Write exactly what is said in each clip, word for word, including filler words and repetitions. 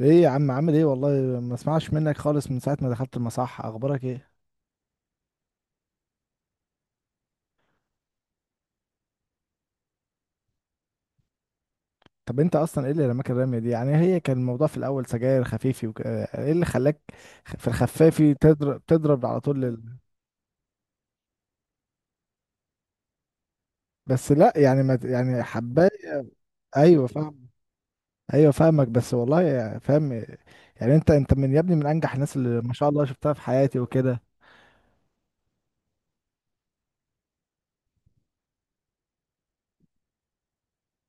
ايه يا عم، عامل ايه؟ والله ما اسمعش منك خالص من ساعة ما دخلت المصح، اخبارك ايه؟ طب انت اصلا ايه اللي رماك الرمية دي؟ يعني هي كان الموضوع في الاول سجاير خفيفي وك... آه، ايه اللي خلاك خ- في الخفافي تضرب تضرب على طول لل... بس لا يعني ما ت- يعني حباية. ايوه، فاهم. ايوه، فاهمك، بس والله يعني فاهم. يعني انت انت من يا ابني، من انجح الناس اللي ما شاء الله شفتها في حياتي وكده.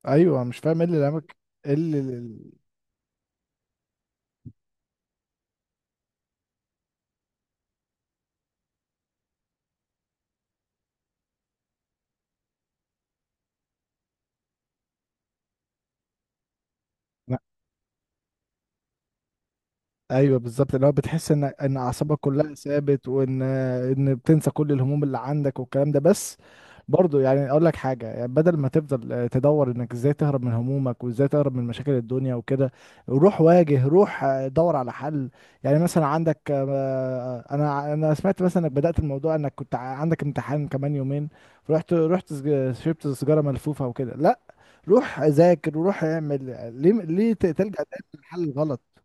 ايوه، مش فاهم ايه اللي رماك؟ ايه اللي... ايوه، بالظبط اللي هو بتحس ان ان اعصابك كلها ثابت، وان ان بتنسى كل الهموم اللي عندك والكلام ده بس. برضه يعني اقول لك حاجه، يعني بدل ما تفضل آه، تدور انك ازاي تهرب من همومك وازاي تهرب من مشاكل الدنيا وكده، روح واجه، روح آه، دور على حل. يعني مثلا عندك آه، آه، انا انا سمعت مثلا انك بدات الموضوع انك كنت ع- عندك امتحان كمان يومين. رحت رحت سج- شربت سيجاره ملفوفه وكده. لا، روح ذاكر وروح اعمل. ليه ليه ت- تلجأ دايما للحل الغلط؟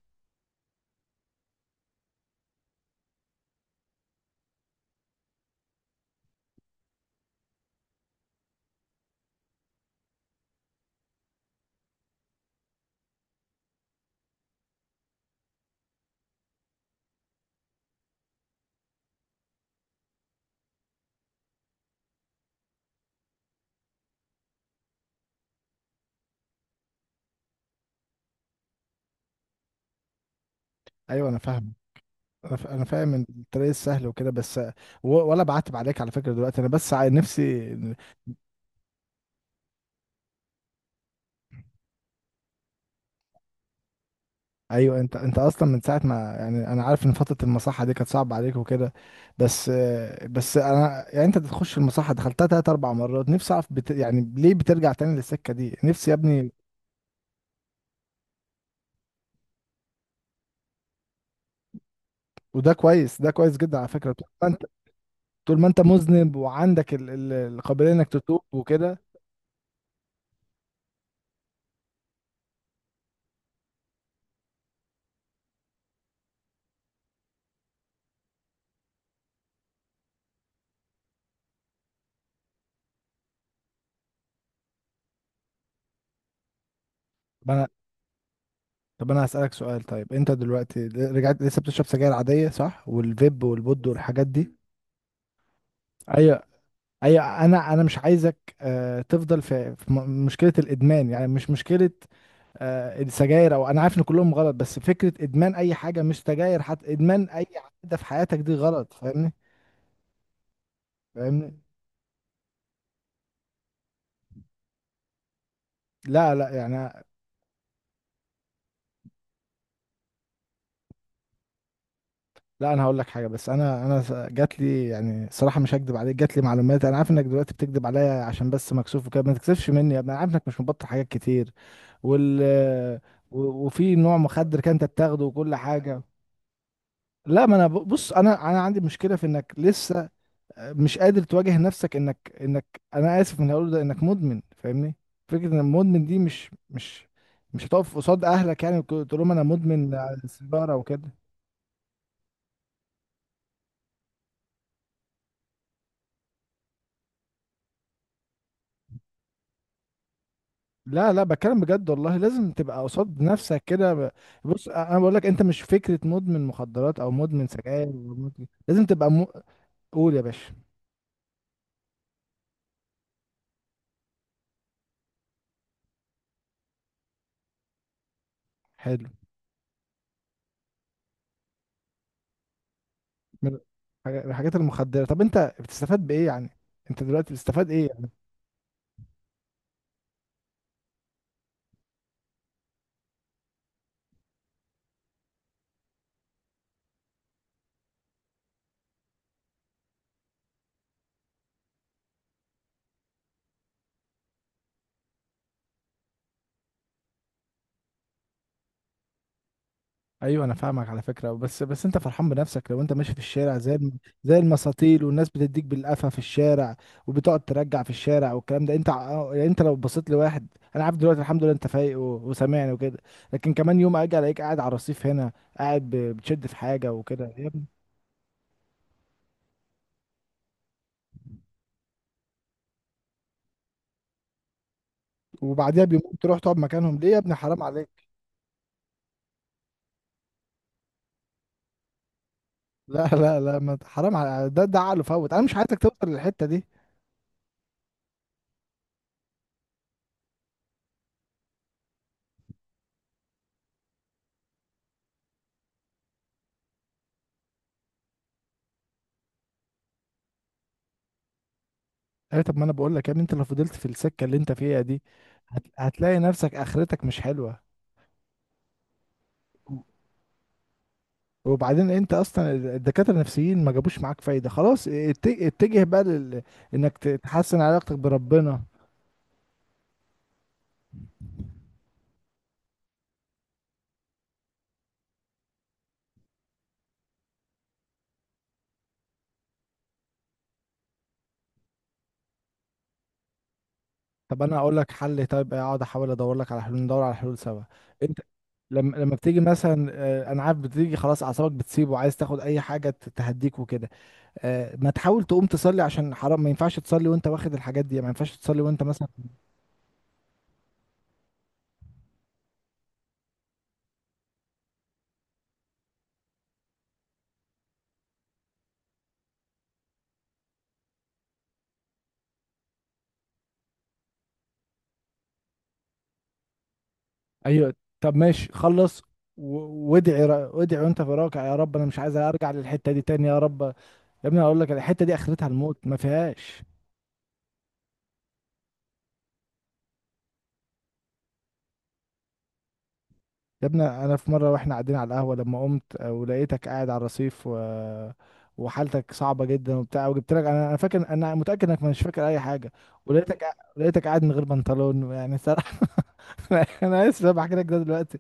ايوه انا فاهم. انا ف- أنا فاهم ان الطريق السهل وكده، بس و- ولا بعتب عليك على فكره، دلوقتي انا بس عاي- نفسي... ايوه، انت انت اصلا من ساعه ما يعني انا عارف ان فتره المصحه دي كانت صعبه عليك وكده. بس. بس انا يعني انت بتخش المصحه، دخلتها تلات اربع مرات، نفسي اعرف بت يعني ليه بترجع تاني للسكه دي، نفسي يا ابني. وده كويس، ده كويس جدا على فكره، طول ما انت... طول ما انت مذنب وعندك ال- ال- القابليه انك تتوب وكده. طب انا هسألك سؤال، طيب انت دلوقتي رجعت، لسه بتشرب سجاير عادية صح؟ والفيب والبود والحاجات دي؟ ايوه. ايوه، انا انا مش عايزك آه، تفضل في في م- مشكلة الادمان، يعني مش مشكلة آه، السجاير، او انا عارف ان كلهم غلط، بس فكرة ادمان اي حاجة، مش سجاير حتى، ادمان اي عادة في حياتك دي غلط، فاهمني؟ فاهمني. لا، لا يعني. لا، انا هقول لك حاجه، بس انا انا س- جات لي يعني صراحه، مش هكدب عليك، جات لي معلومات. انا عارف انك دلوقتي بتكدب عليا عشان بس مكسوف وكده، ما تكسفش مني يا ابني، انا عارف انك مش مبطل حاجات كتير وال و- وفي نوع مخدر كان انت بتاخده وكل حاجه. لا، ما انا ب- بص، انا انا عندي مشكله في انك لسه مش قادر تواجه نفسك، انك انك انا اسف من اللي هقوله ده، انك مدمن، فاهمني؟ فكره ان المدمن دي مش مش مش هتقف قصاد اهلك يعني وتقول لهم انا مدمن، سيجاره وكده. لا، لا، بتكلم بجد، والله لازم تبقى قصاد نفسك كده ب- بص، انا بقول لك انت مش فكره مدمن مخدرات او مدمن سجاير أو مدمن- لازم تبقى م... قول يا باشا. حلو. من الحاجات المخدره، طب انت بتستفاد بايه يعني؟ انت دلوقتي بتستفاد ايه؟ ايوه، انا فاهمك على فكره، بس بس انت فرحان بنفسك لو انت ماشي في الشارع زي الم- زي المساطيل، والناس بتديك بالقفا في الشارع، وبتقعد ترجع في الشارع والكلام ده، انت ع- يعني انت لو بصيت لواحد. انا عارف دلوقتي الحمد لله انت فايق و- وسامعني وكده، لكن كمان يوم اجي الاقيك قاعد على الرصيف هنا، قاعد ب- بتشد في حاجه وكده يا ابني، وبعديها بيوم تروح تقعد مكانهم، ليه يا ابني؟ حرام عليك. لا، لا، لا، ما ت- حرام على ده، ده عقله فوت، انا مش عايزك توصل للحته دي. ايه، طب ما انا بقول لك يا ابني، انت لو فضلت في السكه اللي انت فيها دي هت- هتلاقي نفسك اخرتك مش حلوه. وبعدين انت اصلا الدكاتره النفسيين ما جابوش معاك فايده، خلاص ات- اتجه بقى لل... انك ت- تحسن علاقتك بربنا. طب انا اقول لك حل، طيب اقعد احاول ادور لك على حلول، ندور على حلول سوا. انت لما لما بتيجي مثلا آه، انا عارف بتيجي خلاص اعصابك بتسيب وعايز تاخد اي حاجه ت- تهديك وكده. آه، ما تحاول تقوم تصلي عشان حرام، ما ينفعش تصلي وانت واخد الحاجات دي، ما ينفعش تصلي وانت مثلا... ايوه. طب ماشي، خلص، و- وادعي را- وادعي وانت في راكع: يا رب انا مش عايز ارجع للحته دي تاني، يا رب. يا ابني اقول لك، الحته دي اخرتها الموت ما فيهاش. يا ابني، انا في مره واحنا قاعدين على القهوه لما قمت آه، ولقيتك قاعد على الرصيف و... وحالتك صعبه جدا وبتاع وجبت لك، انا انا فاكر انا متاكد انك مش فاكر اي حاجه، ولقيتك قا- لقيتك قاعد من غير بنطلون يعني، صراحه. انا أنا اسف إن انا بحكي لك ده دلوقتي،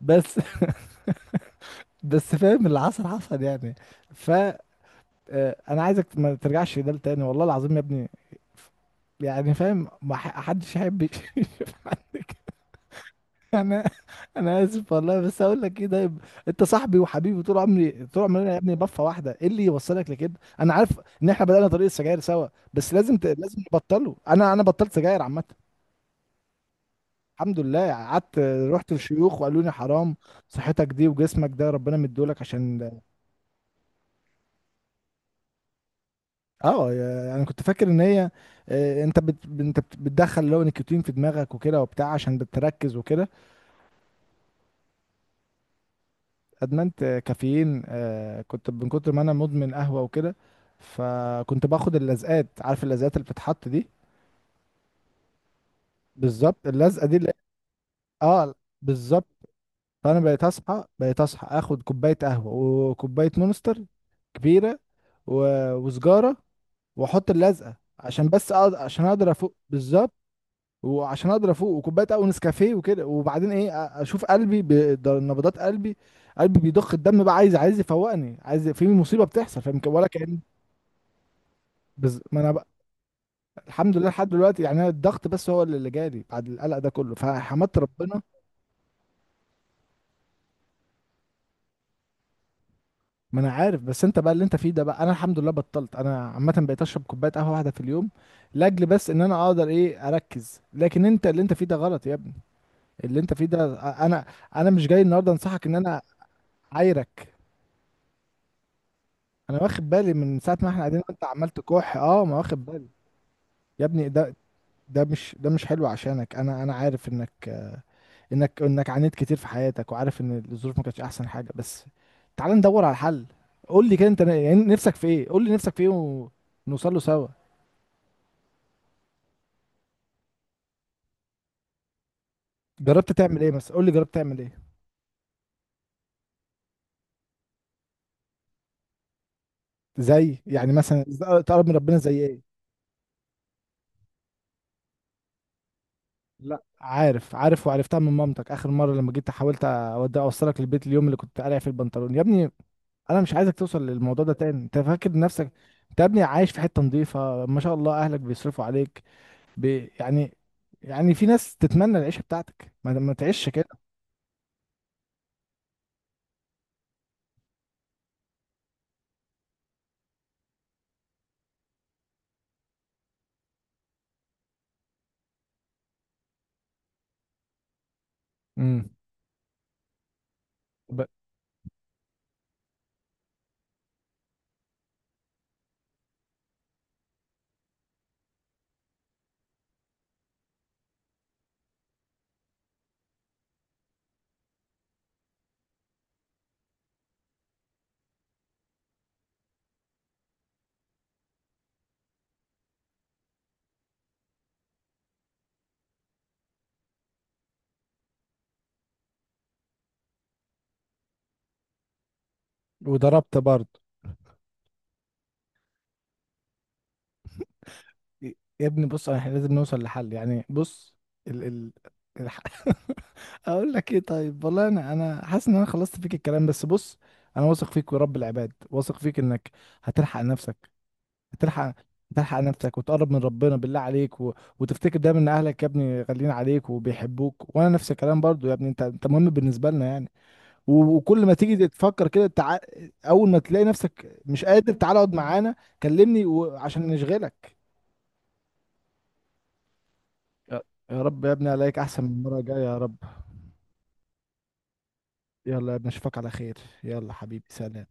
بس. بس فاهم، اللي حصل حصل يعني، ف آه، انا عايزك ما ترجعش ده تاني والله العظيم يا ابني. يعني فاهم، ما ح- حدش يحب يشوف عندك. انا انا اسف والله، بس اقول لك ايه ده يب- انت صاحبي وحبيبي طول عمري، طول عمرنا يا ابني، بفه واحده ايه اللي يوصلك لكده؟ انا عارف ان احنا بدأنا طريق السجاير سوا، بس لازم ت... لازم نبطله، انا انا بطلت سجاير عامه، الحمد لله، قعدت، رحت للشيوخ وقالوا لي حرام. صحتك دي وجسمك ده ربنا مديهولك عشان... اه، آه، يا- انا كنت فاكر ان هي آه، انت بت... انت بت- بتدخل اللي هو نيكوتين في دماغك وكده وبتاع عشان بتركز وكده. ادمنت كافيين، آه، كنت من كتر ما انا مدمن قهوه وكده، فكنت باخد اللزقات، عارف اللزقات اللي بتتحط دي؟ بالظبط اللزقه دي اللي... اه، بالظبط. فانا بقيت اصحى، بقيت اصحى اخد كوبايه قهوه، وكوبايه مونستر كبيره، و... وسجاره، واحط اللزقه عشان بس أقدر... عشان اقدر افوق بالظبط، وعشان اقدر افوق، وكوبايه قهوه نسكافيه وكده، وبعدين ايه أ- اشوف قلبي ب... ده نبضات قلبي، قلبي بيضخ الدم، بقى عايز عايز يفوقني، عايز في مصيبه بتحصل، فاهم ولا كأن... بز... ما انا بقى... الحمد لله لحد دلوقتي يعني، أنا الضغط بس هو اللي اللي جالي بعد القلق ده كله، فحمدت ربنا. ما انا عارف، بس انت بقى اللي انت فيه ده، بقى انا الحمد لله بطلت، انا عامه بقيت اشرب كوبايه قهوه واحده في اليوم، لاجل بس ان انا اقدر ايه اركز، لكن انت اللي انت فيه ده غلط يا ابني، اللي انت فيه ده... انا انا مش جاي النهارده انصحك ان انا عايرك. انا واخد بالي من ساعه ما احنا قاعدين وانت عمال تكح، اه، ما واخد بالي يا ابني، ده ده مش ده مش حلو عشانك، انا انا عارف انك انك انك عانيت كتير في حياتك، وعارف ان الظروف ما كانتش احسن حاجه، بس تعال ندور على الحل. قول لي كده، انت ن- يعني نفسك في ايه؟ قول لي نفسك في ايه ونوصل له سوا. جربت تعمل ايه مثلا؟ قول لي جربت تعمل ايه. زي يعني مثلا إز- تقرب من ربنا زي ايه؟ لا، عارف عارف، وعرفتها من مامتك اخر مره لما جيت حاولت اودي اوصلك البيت اليوم اللي كنت قارع في البنطلون يا ابني. انا مش عايزك توصل للموضوع ده تاني، انت فاكر نفسك... انت يا ابني عايش في حته نظيفه، ما شاء الله، اهلك بيصرفوا عليك، ب... يعني، يعني في ناس تتمنى العيشة بتاعتك، ما, ما تعيش كده. امم. ب... وضربت برضه. يا ابني، بص، احنا لازم نوصل لحل يعني، بص. ال... ال... الح... اقول لك ايه، طيب والله، انا انا حاسس ان انا خلصت فيك الكلام، بس بص. انا واثق فيك ورب العباد، واثق فيك انك هتلحق نفسك، هتلحق، هتلحق نفسك وتقرب من ربنا بالله عليك، و... وتفتكر دايما ان اهلك يا ابني غاليين عليك وبيحبوك، وانا نفس الكلام برضو يا ابني، انت انت مهم بالنسبة لنا يعني. و- وكل ما تيجي تفكر كده تع... اول ما تلاقي نفسك مش قادر تعالى اقعد معانا، كلمني و... عشان نشغلك. يا يا رب يا ابني، عليك احسن من المره الجايه، يا رب. يلا يا ابني، اشوفك على خير. يلا حبيبي، سلام.